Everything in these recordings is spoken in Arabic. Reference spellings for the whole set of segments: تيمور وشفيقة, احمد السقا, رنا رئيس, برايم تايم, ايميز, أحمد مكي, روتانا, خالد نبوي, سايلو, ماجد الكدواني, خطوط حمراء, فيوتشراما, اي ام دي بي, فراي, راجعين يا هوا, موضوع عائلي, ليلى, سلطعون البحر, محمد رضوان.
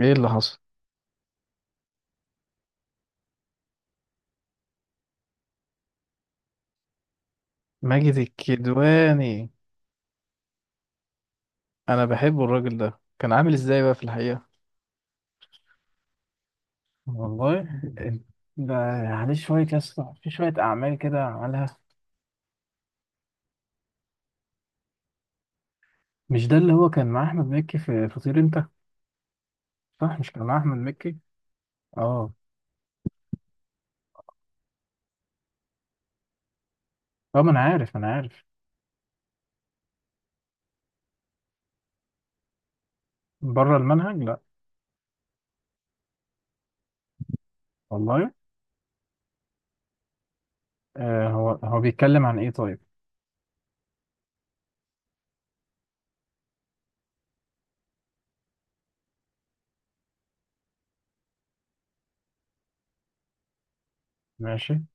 ايه اللي حصل؟ ماجد الكدواني. انا بحبه، الراجل ده كان عامل ازاي بقى في الحقيقة؟ والله، ده عليه شوية يا اسطى، في شوية أعمال كده عملها. مش ده اللي هو كان مع أحمد مكي في فطير أنت؟ صح؟ مش كان مع أحمد مكي؟ اه. طب ما أنا عارف، أنا عارف. بره المنهج، لأ. والله. هو بيتكلم عن إيه طيب؟ ماشي،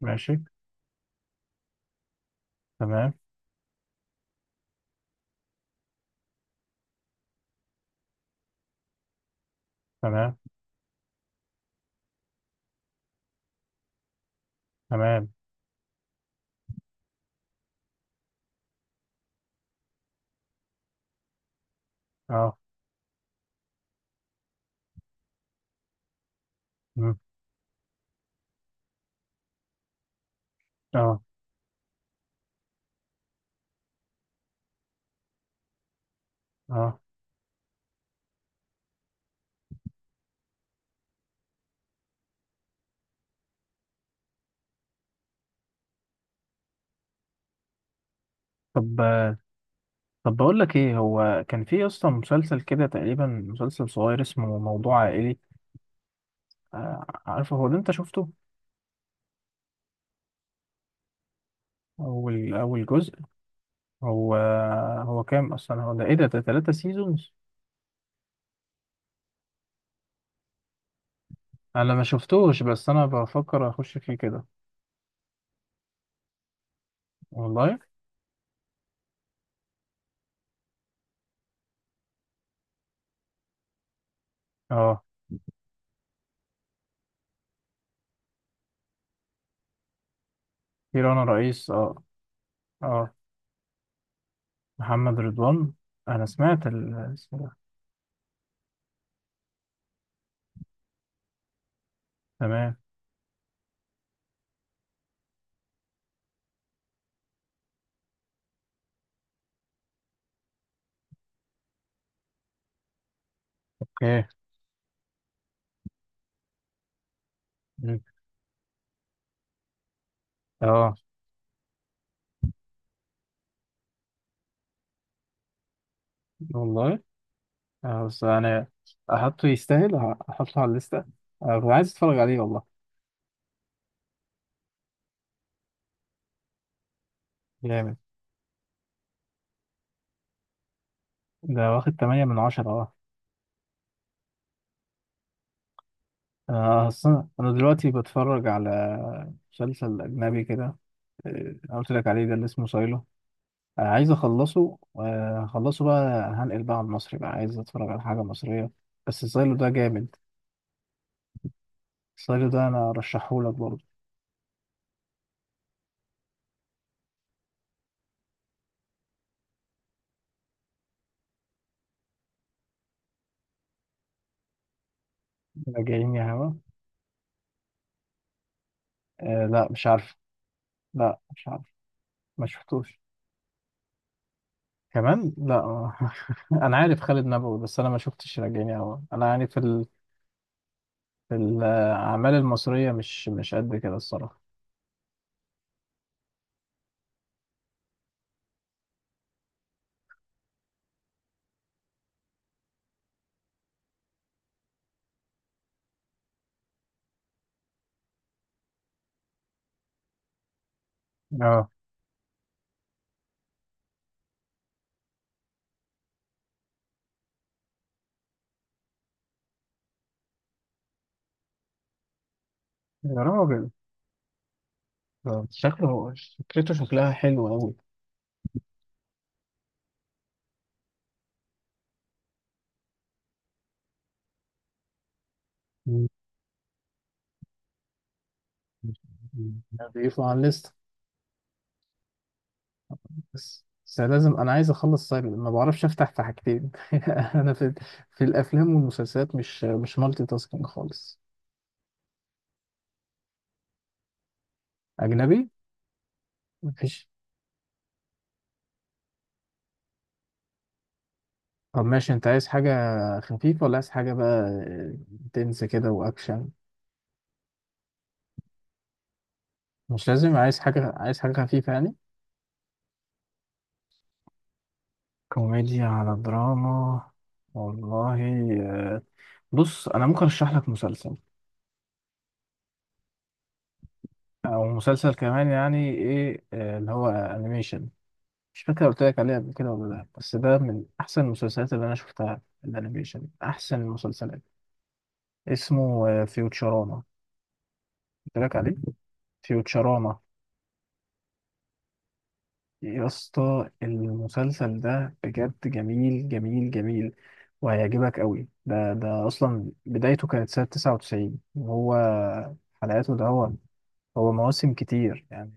ماشي. تمام، تمام، تمام. اه. مم. اه. اه. طب طب بقول لك ايه، هو كان في اصلا مسلسل كده تقريبا، مسلسل صغير اسمه موضوع عائلي. عارفه، هو ده انت شفته؟ اول جزء. هو هو كام اصلا؟ هو ده ايه؟ ده تلاتة سيزونز؟ انا ما شفتوش بس انا بفكر اخش فيه كده. والله. اه. في رنا رئيس، اه. اه. محمد رضوان. انا سمعت اسمه ده. تمام. اوكي. مم. اه. والله. بس انا احطه يستاهل، احطه على الليسته. عايز اتفرج عليه والله. جامد. ده واخد تمانية من عشرة، اه. انا اصلا، انا دلوقتي بتفرج على مسلسل اجنبي كده. انا قلت لك عليه، ده اللي اسمه سايلو. عايز اخلصه بقى. هنقل بقى على المصري بقى، عايز اتفرج على حاجة مصرية. بس سايلو ده جامد. سايلو ده انا رشحهولك برضه. راجعين يا هوا. لا مش عارف. لا مش عارف. ما شفتوش. كمان لا. انا عارف خالد نبوي بس انا ما شفتش راجعين يا هوا. انا يعني في الاعمال المصرية مش قد كده الصراحة. اه. يا راجل. ده فكرته شكلها حلو أوي. مم. مم. أضيفه على الليست. بس لازم، أنا عايز أخلص سايلنت، ما بعرفش أفتح في حاجتين. أنا في الأفلام والمسلسلات مش مالتي تاسكينج خالص. أجنبي. مفيش. طب ماشي، أنت عايز حاجة خفيفة ولا عايز حاجة بقى تنس كده وأكشن؟ مش لازم، عايز حاجة، عايز حاجة خفيفة يعني. كوميديا على دراما. والله. آه، بص، أنا ممكن أرشح لك مسلسل او مسلسل كمان، يعني ايه، اللي هو انيميشن. مش فاكر قلت لك عليه قبل كده ولا لا، بس ده من احسن المسلسلات اللي انا شفتها، الانيميشن احسن المسلسلات. اسمه فيوتشراما، قلت لك عليه. فيوتشراما. يا اسطى، المسلسل ده بجد جميل جميل جميل، وهيعجبك قوي. ده اصلا بدايته كانت سنة 99، وهو حلقاته، ده هو، هو مواسم كتير يعني.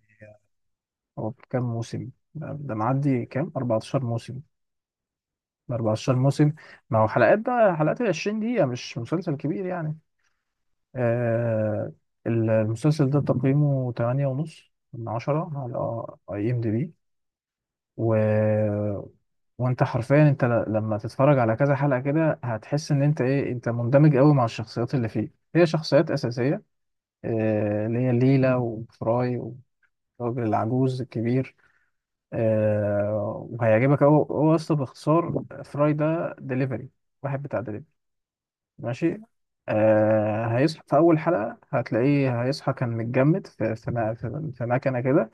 هو كام موسم ده، معدي كام؟ 14 موسم. 14 موسم. ما هو حلقات بقى، حلقات ال 20 دقيقة، مش مسلسل كبير يعني. آه المسلسل ده تقييمه 8 ونص من 10 على IMDb. و... وانت حرفيا، انت لما تتفرج على كذا حلقة كده، هتحس ان انت ايه، انت مندمج قوي مع الشخصيات اللي فيه. هي شخصيات أساسية، اللي هي ليلى وفراي والراجل العجوز الكبير. وهيعجبك. هو اصلا باختصار، فراي ده دليفري، واحد بتاع دليفري. ماشي. هيصحى في أول حلقة، هتلاقيه هيصحى كان متجمد في في مكنة كده.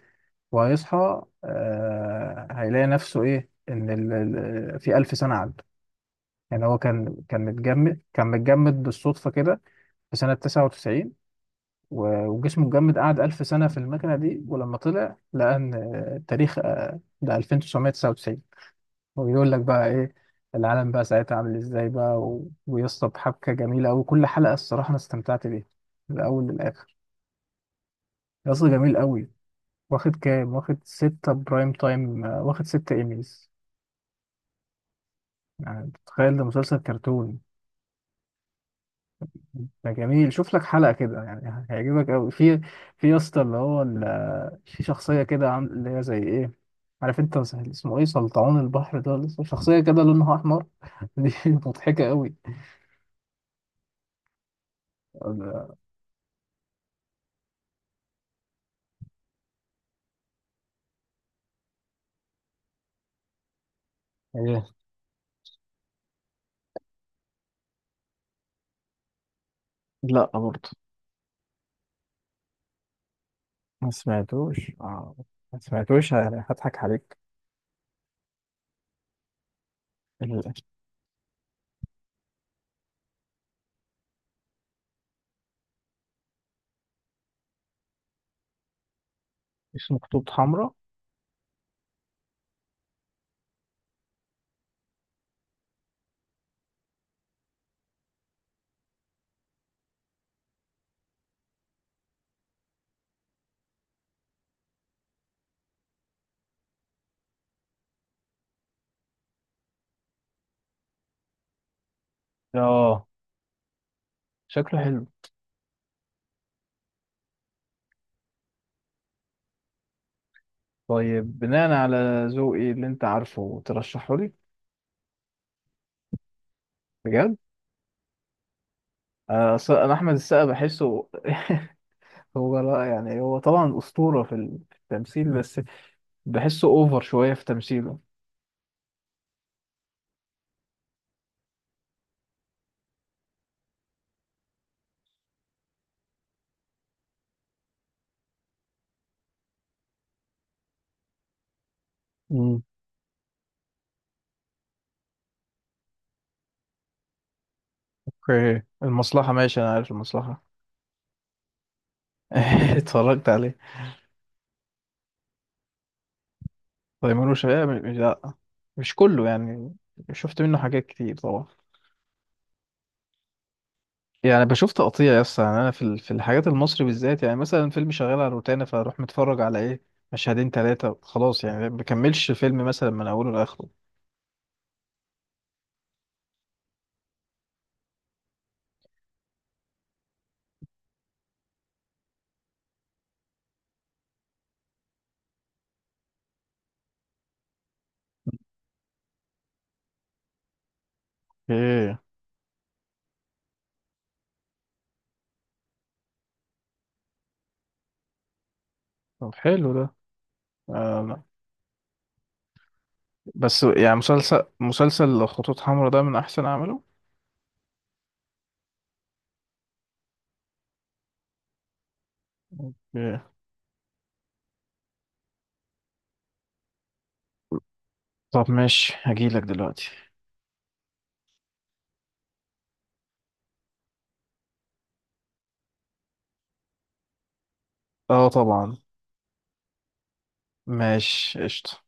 وهيصحى، هيلاقي نفسه إيه، إن في 1000 سنة عدوا، يعني. هو كان متجمد، كان متجمد بالصدفة كده، في سنة 99. وجسمه اتجمد، قعد 1000 سنة في المكنة دي، ولما طلع لقى إن التاريخ ده 2999. وبيقول لك بقى ايه العالم بقى ساعتها عامل ازاي بقى، ويسطا بحبكه جميله قوي، كل حلقه الصراحه انا استمتعت بيها من الاول للاخر. يسطا جميل قوي. واخد كام، واخد ستة برايم تايم، واخد ستة ايميز. يعني تخيل، ده مسلسل كرتون. ده جميل، شوف لك حلقه كده، يعني هيعجبك قوي. في يسطا اللي هو ال... آه، في شخصيه كده، عامل اللي هي زي ايه، عارف انت اسمه ايه، سلطعون البحر، ده لسه شخصيه كده لونها احمر. دي مضحكه قوي. ايه. لا برضه. ما سمعتوش، اه. ما سمعتوش، هضحك عليك. ال- اسمه خطوط حمراء. اه. شكله حلو. طيب بناء على ذوقي اللي انت عارفه، ترشحه لي؟ بجد. أصل انا احمد السقا بحسه هو لا، يعني هو طبعا اسطورة في التمثيل، بس بحسه اوفر شوية في تمثيله. امم. اوكي. المصلحة ماشي، انا عارف المصلحة. اتفرجت عليه. تيمور وشفيقة، مش، لا. مش كله يعني، شفت منه حاجات كتير طبعا. يعني بشوف تقطيع يس يعني، انا في الحاجات المصري بالذات، يعني مثلا فيلم شغال على روتانا فاروح متفرج على ايه، مشهدين ثلاثة خلاص يعني، ما بكملش فيلم مثلا من اوله لاخره. ايه. طب حلو ده. آه بس يعني، مسلسل خطوط حمراء ده من احسن اعماله. اوكي. طب ماشي هجيلك دلوقتي. اه طبعا. ماشي، قشطة.